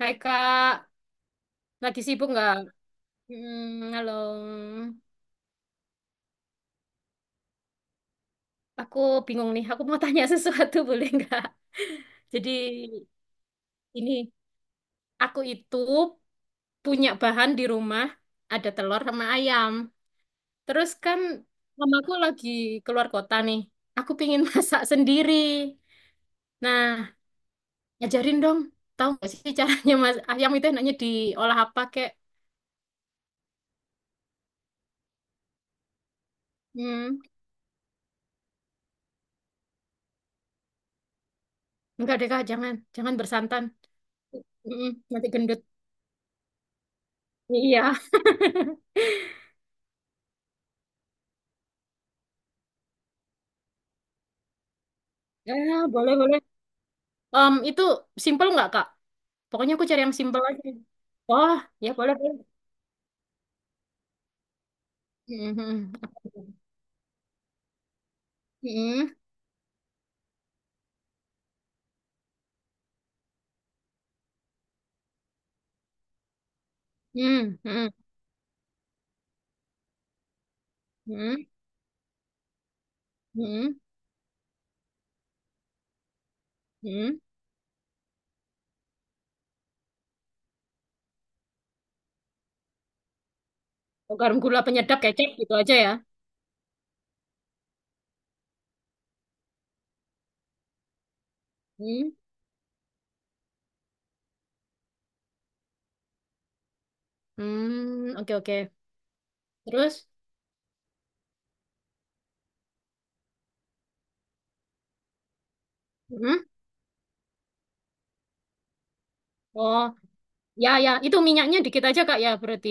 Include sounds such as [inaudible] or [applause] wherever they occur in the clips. Hai Kak, lagi sibuk nggak? Hmm, halo. Aku bingung nih, aku mau tanya sesuatu [laughs] boleh nggak? Jadi ini, aku itu punya bahan di rumah, ada telur sama ayam. Terus kan mamaku lagi keluar kota nih, aku pingin [laughs] masak sendiri. Nah, ajarin dong, tahu nggak sih caranya mas ayam itu enaknya diolah apa kek? Hmm, nggak deh Kak, jangan, jangan bersantan. Mm-mm, nanti gendut. Iya. [laughs] Ya boleh, boleh. Itu simple nggak, Kak? Pokoknya aku cari yang simple aja. Oh, ya boleh, boleh. Mhm. Mhm. Mhm. Mhm. Mhm. Mhm. Mhm. Oh, garam gula penyedap kecap gitu aja ya. Hmm. Hmm. Oke, oke. Terus? Hmm. Oh, ya, ya. Itu minyaknya dikit aja, Kak, ya berarti.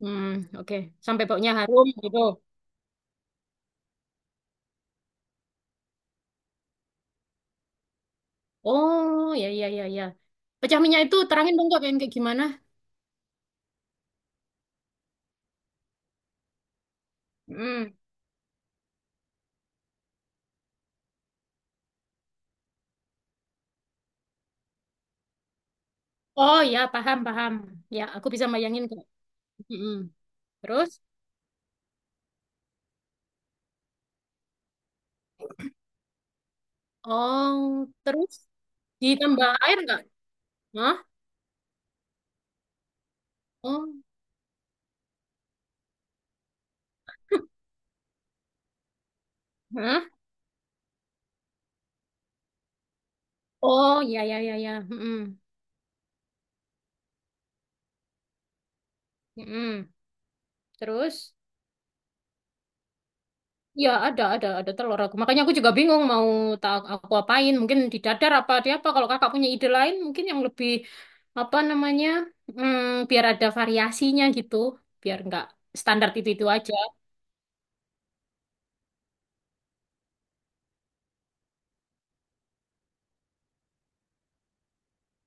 Hmm, oke. Sampai baunya harum gitu. Oh, ya, ya, ya, ya. Pecah minyak itu terangin dong, Kak, kayak kayak gimana? Hmm. Oh ya, paham, paham. Ya, aku bisa bayangin kok. Mm-mm. Terus? Oh, terus ditambah air nggak? Hah? Oh, hah? Oh, ya, ya, ya, ya. Mm-mm. Mm-mm. Terus? Ya, ada telur aku. Makanya aku juga bingung mau tak aku apain. Mungkin di dadar apa di apa. Kalau kakak punya ide lain, mungkin yang lebih apa namanya? Biar ada variasinya gitu. Biar nggak standar itu aja.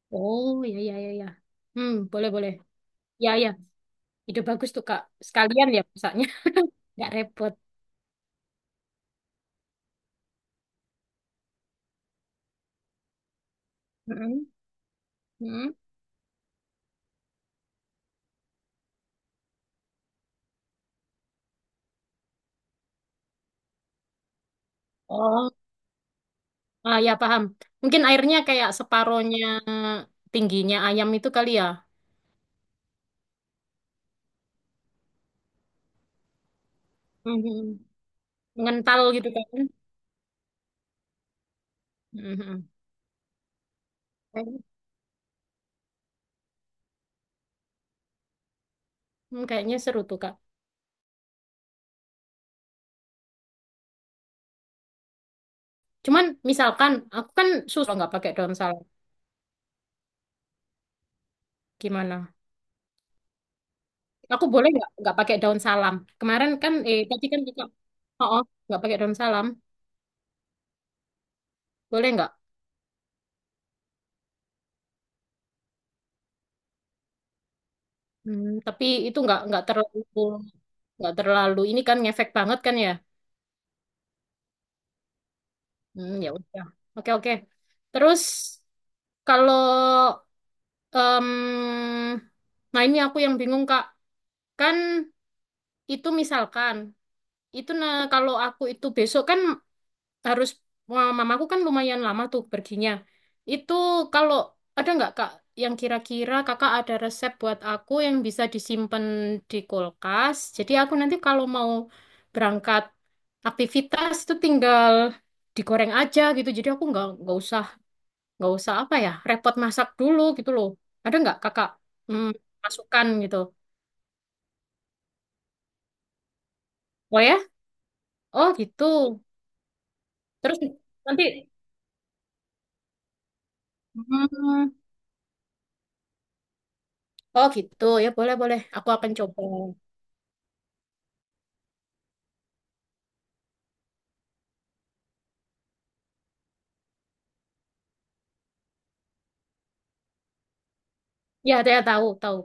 Oh, ya, ya, ya, ya. Hmm, boleh, boleh. Ya, ya. Ide bagus tuh Kak. Sekalian ya masaknya, [laughs] nggak repot. Mm-mm. Mm-mm. Oh, ah, ya paham. Mungkin airnya kayak separohnya tingginya ayam itu kali ya. Mhm. Mengental gitu kan. Mhm. Kayaknya- Kayaknya seru tuh Kak. Cuman misalkan aku kan susah nggak pakai daun salam. Gimana? Aku boleh nggak pakai daun salam? Kemarin kan, eh tadi kan kita, oh, oh, nggak pakai daun salam, boleh nggak? Tapi itu nggak terlalu ini kan ngefek banget kan ya? Hmm, ya udah. Oke, oke. Terus kalau em, nah ini aku yang bingung, Kak. Kan itu misalkan itu nah kalau aku itu besok kan harus mamaku kan lumayan lama tuh perginya. Itu kalau ada nggak Kak yang kira-kira Kakak ada resep buat aku yang bisa disimpan di kulkas. Jadi aku nanti kalau mau berangkat aktivitas itu tinggal digoreng aja gitu. Jadi aku nggak usah apa ya repot masak dulu gitu loh, ada nggak kakak hmm, masukan gitu. Oh ya. Oh gitu. Terus nanti, hmm, oh gitu ya boleh boleh aku akan coba. Ya saya tahu tahu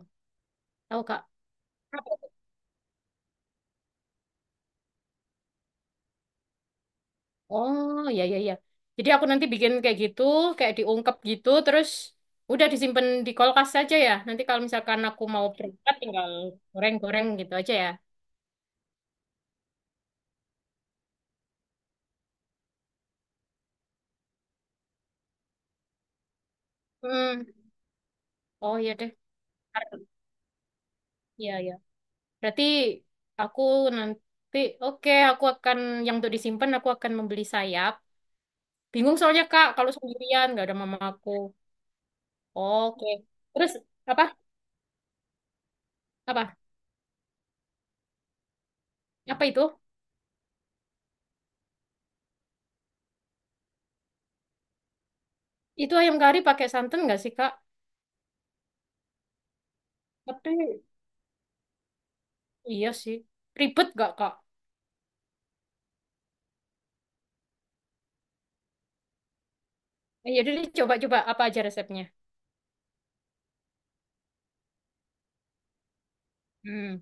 tahu kak. Apa itu? Oh ya, ya, ya, jadi aku nanti bikin kayak gitu, kayak diungkep gitu terus udah disimpan di kulkas saja ya. Nanti kalau misalkan aku mau berangkat tinggal goreng-goreng gitu aja ya. Hmm, oh iya deh. Ntar. Iya ya. Berarti aku nanti, oke, aku akan, yang untuk disimpan, aku akan membeli sayap. Bingung soalnya, Kak, kalau sendirian, nggak ada mama aku. Oke. Terus, apa? Apa? Apa itu? Itu ayam kari pakai santan nggak sih, Kak? Tapi, iya sih. Ribet nggak, Kak? Eh, ya udah coba-coba apa aja resepnya. Hmm.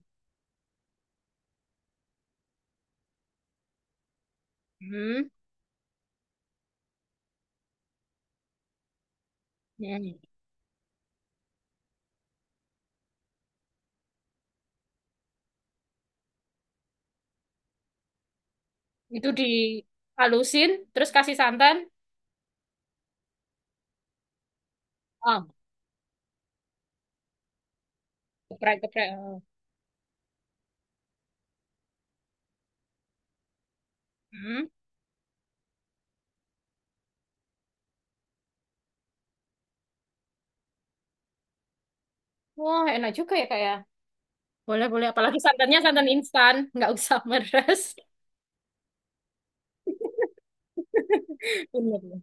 Hmm. Hmm. Itu dihalusin, terus kasih santan. Ah, geprek-geprek. Hmm. Wah, enak juga ya, Kak, ya? Boleh, boleh. Apalagi santannya santan instan, nggak usah meres. [laughs] Bener.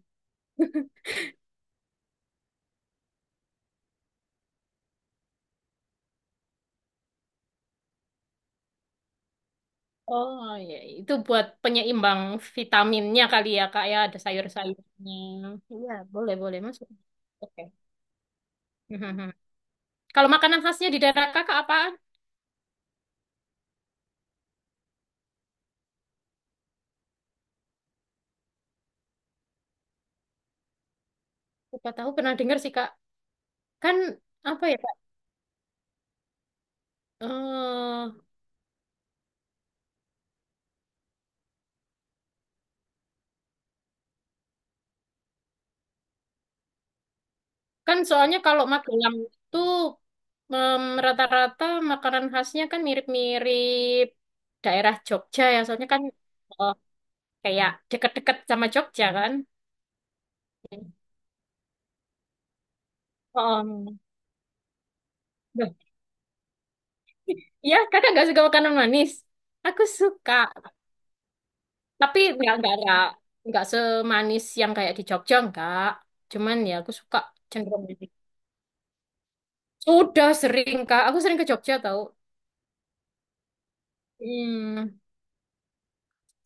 Oh, ya. Itu buat penyeimbang vitaminnya kali ya, Kak, ya. Ada sayur-sayurnya. Iya, boleh, boleh. Masuk. Oke. [laughs] Mhm. Kalau makanan khasnya di daerah Kakak apa? Siapa tahu pernah dengar sih, Kak. Kan, apa ya, Kak? Eh, kan soalnya kalau Magelang itu rata-rata makanan khasnya kan mirip-mirip daerah Jogja ya. Soalnya kan eh, kayak deket-deket sama Jogja kan. Oh, loh, iya kakak nggak suka makanan manis. Aku suka, tapi nggak semanis yang kayak di Jogja nggak. Cuman ya aku suka cenderung manis. Sudah sering kak, aku sering ke Jogja tau. Hmm,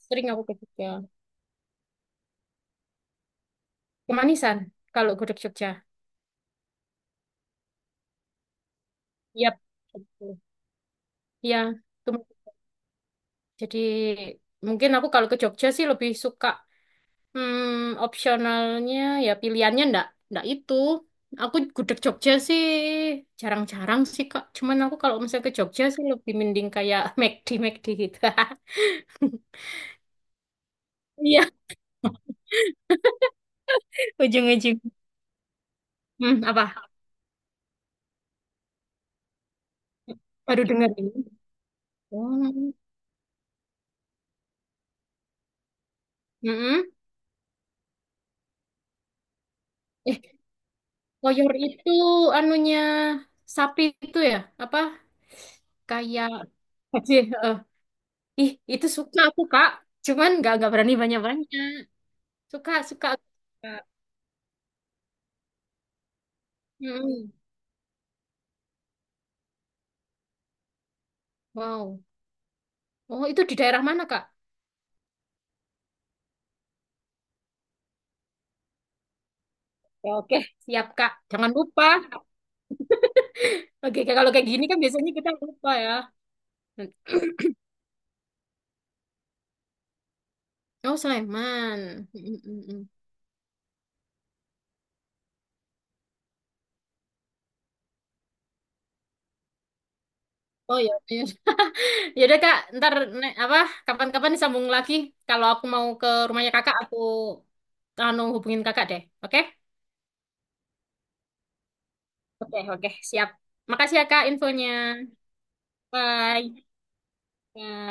sering aku ke Jogja. Kemanisan kalau gudeg Jogja. Yap. Gitu. Iya, itu jadi mungkin aku kalau ke Jogja sih lebih suka. Opsionalnya ya pilihannya ndak ndak itu. Aku gudeg Jogja sih jarang-jarang sih Kak. Cuman aku kalau misalnya ke Jogja sih lebih mending kayak [laughs] McD McD gitu. [laughs] Iya, ujung-ujung. Hmm, apa? Baru dengar ini. Oh. Mm-mm. Eh, koyor itu anunya sapi itu ya? Apa? Kayak Haji, eh, Ih, itu suka aku, Kak. Cuman nggak berani banyak-banyak. Suka, suka. Aku, Kak. Mm-mm. Wow. Oh, itu di daerah mana, Kak? Ya, oke, siap, Kak. Jangan lupa. Oke, Kak, kalau kayak gini kan biasanya kita lupa ya. [clears throat] Oh, Sleman. Mm, mm, mm, mm. Oh ya, ya [laughs] udah Kak, ntar ne- apa kapan-kapan disambung lagi. Kalau aku mau ke rumahnya Kakak, aku anu hubungin Kakak deh. Oke? Oke, oke, siap. Makasih ya Kak infonya. Bye. Bye.